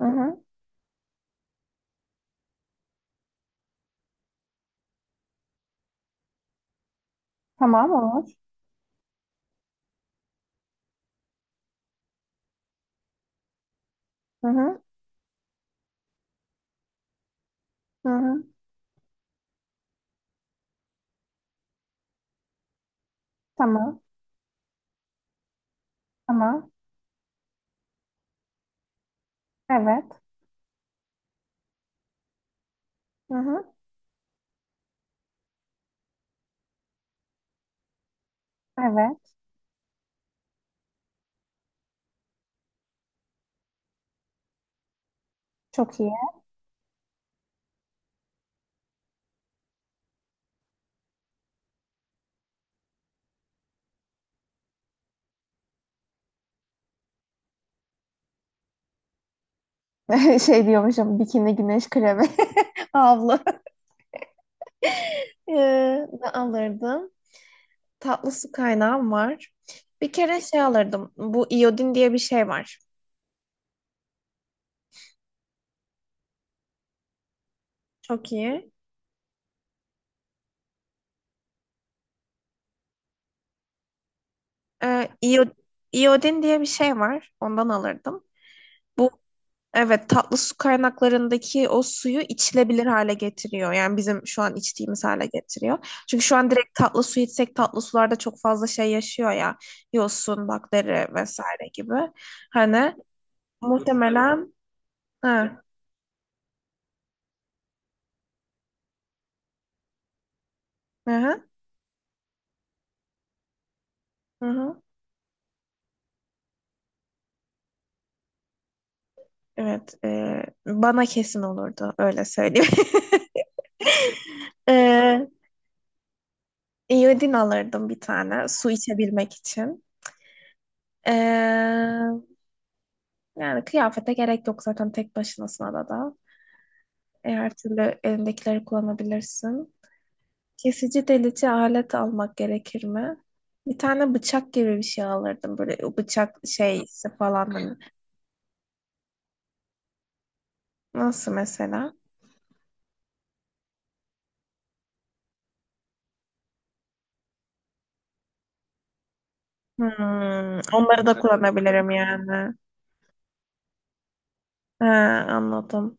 Hı hı. Tamam, olur. Hı hı. Hı hı. Tamam. Tamam. Evet. Hı hı. Evet. Çok iyi. Şey diyormuşum, bikini, güneş kremi, havlu. Ee, Ne alırdım? Tatlı su kaynağım var. Bir kere şey alırdım. Bu iyodin diye bir şey var. Çok iyi. Ee, iyo- iyodin diye bir şey var. Ondan alırdım. Bu evet, tatlı su kaynaklarındaki o suyu içilebilir hale getiriyor. Yani bizim şu an içtiğimiz hale getiriyor. Çünkü şu an direkt tatlı su içsek tatlı sularda çok fazla şey yaşıyor ya. Yosun, bakteri vesaire gibi. Hani muhtemelen ha, hı hı, hı hı. Evet, bana kesin olurdu, öyle söyleyeyim. Ee, iyodin alırdım bir tane, su içebilmek için. Ee, Yani kıyafete gerek yok zaten tek başınasına da. E, her türlü elindekileri kullanabilirsin. Kesici delici alet almak gerekir mi? Bir tane bıçak gibi bir şey alırdım. Böyle o bıçak şeysi falan hani. Nasıl mesela? Hmm, onları da kullanabilirim yani. He, anladım.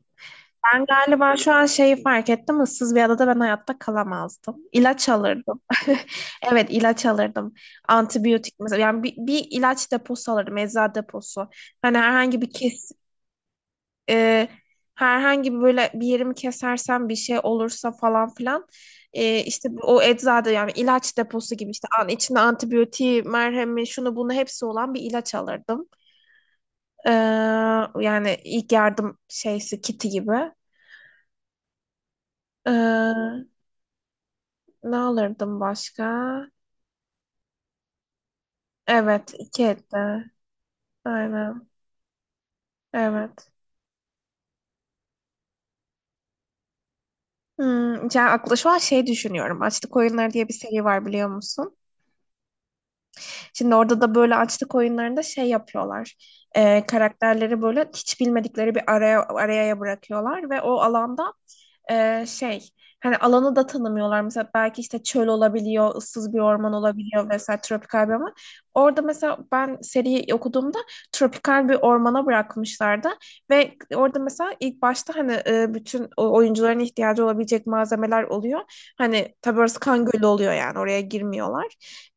Ben galiba şu an şeyi fark ettim. Issız bir adada ben hayatta kalamazdım. İlaç alırdım. Evet, ilaç alırdım. Antibiyotik mesela. Yani bir ilaç deposu alırdım. Eczacı deposu. Hani herhangi bir kes, e, herhangi bir böyle bir yerimi kesersem bir şey olursa falan filan, e, işte o eczada yani ilaç deposu gibi, işte an, içinde antibiyotiği, merhemi, şunu bunu hepsi olan bir ilaç alırdım. Ee, Yani ilk yardım şeysi, kiti gibi. Ee, Ne alırdım başka? Evet, iki etti. Aynen. Evet. Hmm, yani aklı şu an şey düşünüyorum. Açlık Oyunları diye bir seri var, biliyor musun? Şimdi orada da böyle açlık oyunlarında şey yapıyorlar. Karakterleri böyle hiç bilmedikleri bir araya bırakıyorlar ve o alanda, e, şey, hani alanı da tanımıyorlar. Mesela belki işte çöl olabiliyor, ıssız bir orman olabiliyor vesaire, tropikal bir orman. Orada mesela ben seriyi okuduğumda tropikal bir ormana bırakmışlardı ve orada mesela ilk başta hani e, bütün o- oyuncuların ihtiyacı olabilecek malzemeler oluyor. Hani tabii orası kan gölü oluyor, yani oraya girmiyorlar.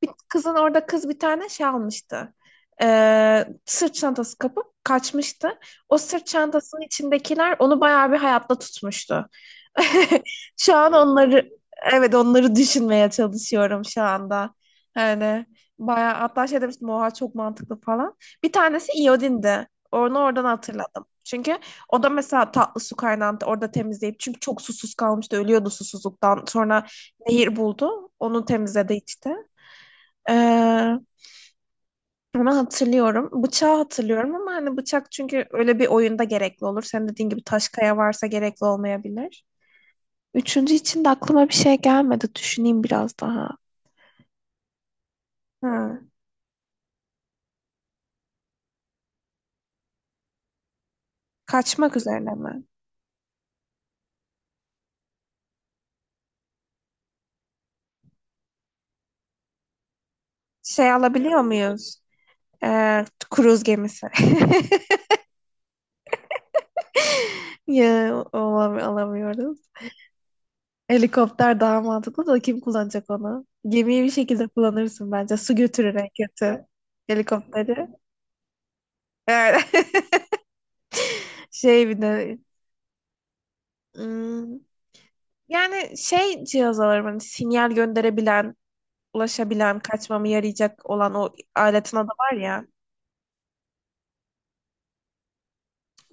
Bir kızın orada, kız bir tane şey almıştı. E, sırt çantası kapıp kaçmıştı. O sırt çantasının içindekiler onu bayağı bir hayatta tutmuştu. Şu an onları, evet, onları düşünmeye çalışıyorum şu anda. Yani bayağı hatta şey demiştim, oha çok mantıklı falan. Bir tanesi iyodindi. Onu oradan hatırladım. Çünkü o da mesela tatlı su kaynağını orada temizleyip, çünkü çok susuz kalmıştı, ölüyordu susuzluktan. Sonra nehir buldu. Onu temizledi, içti. Ee, Onu hatırlıyorum. Bıçağı hatırlıyorum ama hani bıçak çünkü öyle bir oyunda gerekli olur. Senin dediğin gibi taş kaya varsa gerekli olmayabilir. Üçüncü için de aklıma bir şey gelmedi. Düşüneyim biraz daha. Ha, kaçmak üzerine mi? Şey alabiliyor muyuz? Kruz gemisi. Ya olam- alamıyoruz. Helikopter daha mantıklı da kim kullanacak onu? Gemiyi bir şekilde kullanırsın bence. Su götürür en kötü. Helikopteri. Evet. Şey bir de hmm, yani şey, cihaz alırım hani sinyal gönderebilen, ulaşabilen, kaçmamı yarayacak olan o aletin adı var ya.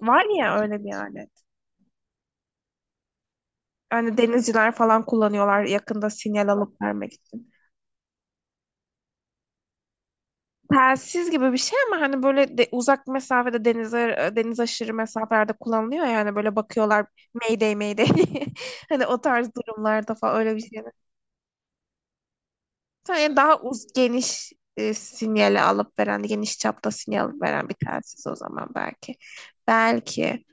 Var ya öyle bir alet. Hani denizciler falan kullanıyorlar yakında sinyal alıp vermek için. Telsiz gibi bir şey, ama hani böyle de uzak mesafede denize, e, deniz aşırı mesafelerde kullanılıyor. Yani böyle bakıyorlar, Mayday Mayday, hani o tarz durumlarda falan öyle bir şey. Yani daha uz geniş, e, sinyali alıp veren, geniş çapta sinyal alıp veren bir telsiz o zaman belki. Belki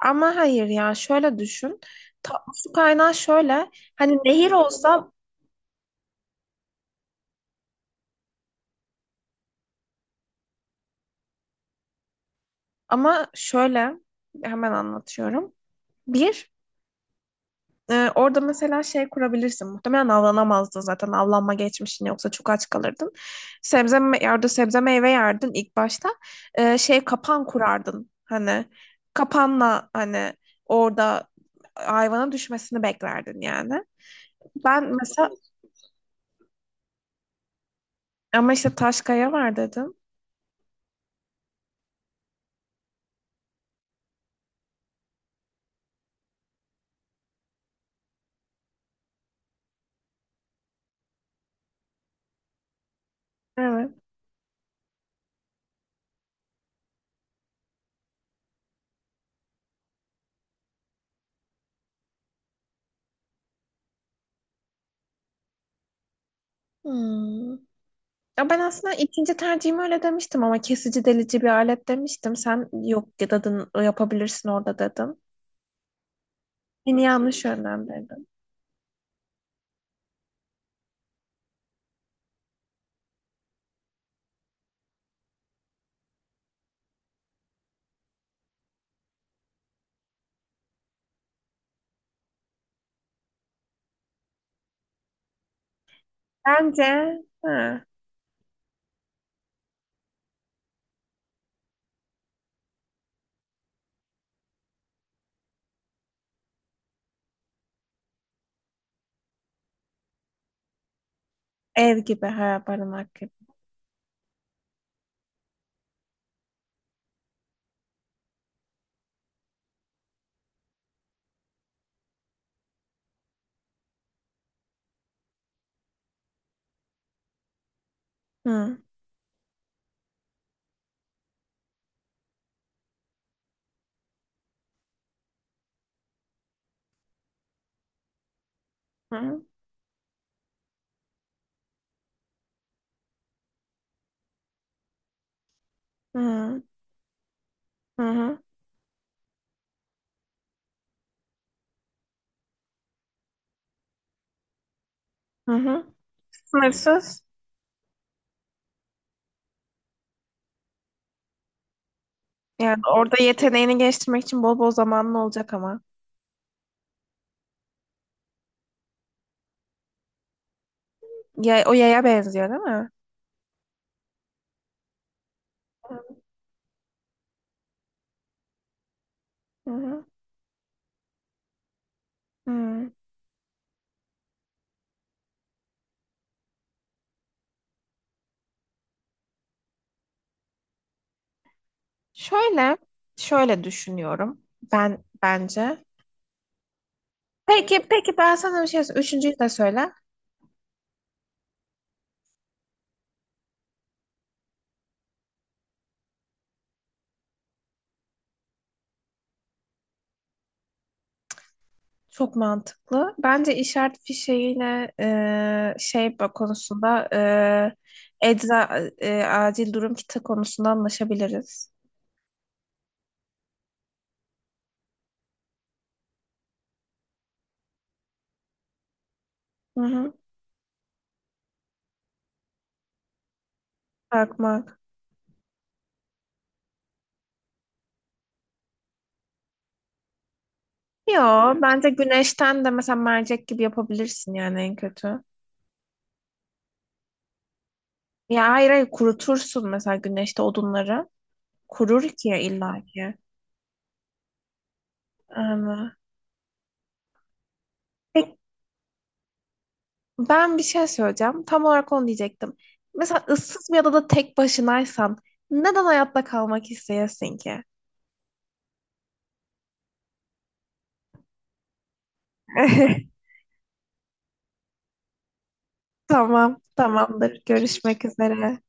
ama hayır ya, şöyle düşün, tatlı su kaynağı şöyle, hani nehir olsa, ama şöyle hemen anlatıyorum. Bir, e, orada mesela şey kurabilirsin. Muhtemelen avlanamazdın zaten. Avlanma geçmişin yoksa çok aç kalırdın. Sebze, me- ya orada sebze meyve yerdin ilk başta. E, şey, kapan kurardın. Hani kapanla hani orada hayvana düşmesini beklerdin yani. Ben mesela, ama işte taş kaya var dedim. Evet. Hmm. Ya ben aslında ikinci tercihimi öyle demiştim ama kesici delici bir alet demiştim. Sen yok dedin, yapabilirsin orada dedin. Beni yanlış yönlendirdin. Bence ha, ev gibi, ha, barınak gibi. Hı, hı, hı, hı, hı, hı. Sınırsız. Yani orada yeteneğini geliştirmek için bol bol zamanın olacak ama. Ya, o yaya benziyor değil mi? Hı, hı, hı. Şöyle, şöyle düşünüyorum. Ben bence. Peki, peki, ben sana bir şey söyleyeyim. Üçüncüyü de söyle. Çok mantıklı. Bence işaret fişeğine, e, şey bak- konusunda, e, ecza, e, acil durum kiti konusunda anlaşabiliriz. Hı hı. Bakmak. Yo, bence güneşten de mesela mercek gibi yapabilirsin yani en kötü. Ya hayır hayır, kurutursun mesela güneşte odunları. Kurur ki, ya illa ki. Ama- peki, ben bir şey söyleyeceğim. Tam olarak onu diyecektim. Mesela ıssız bir adada tek başınaysan neden hayatta kalmak isteyesin ki? Tamam, tamamdır. Görüşmek üzere.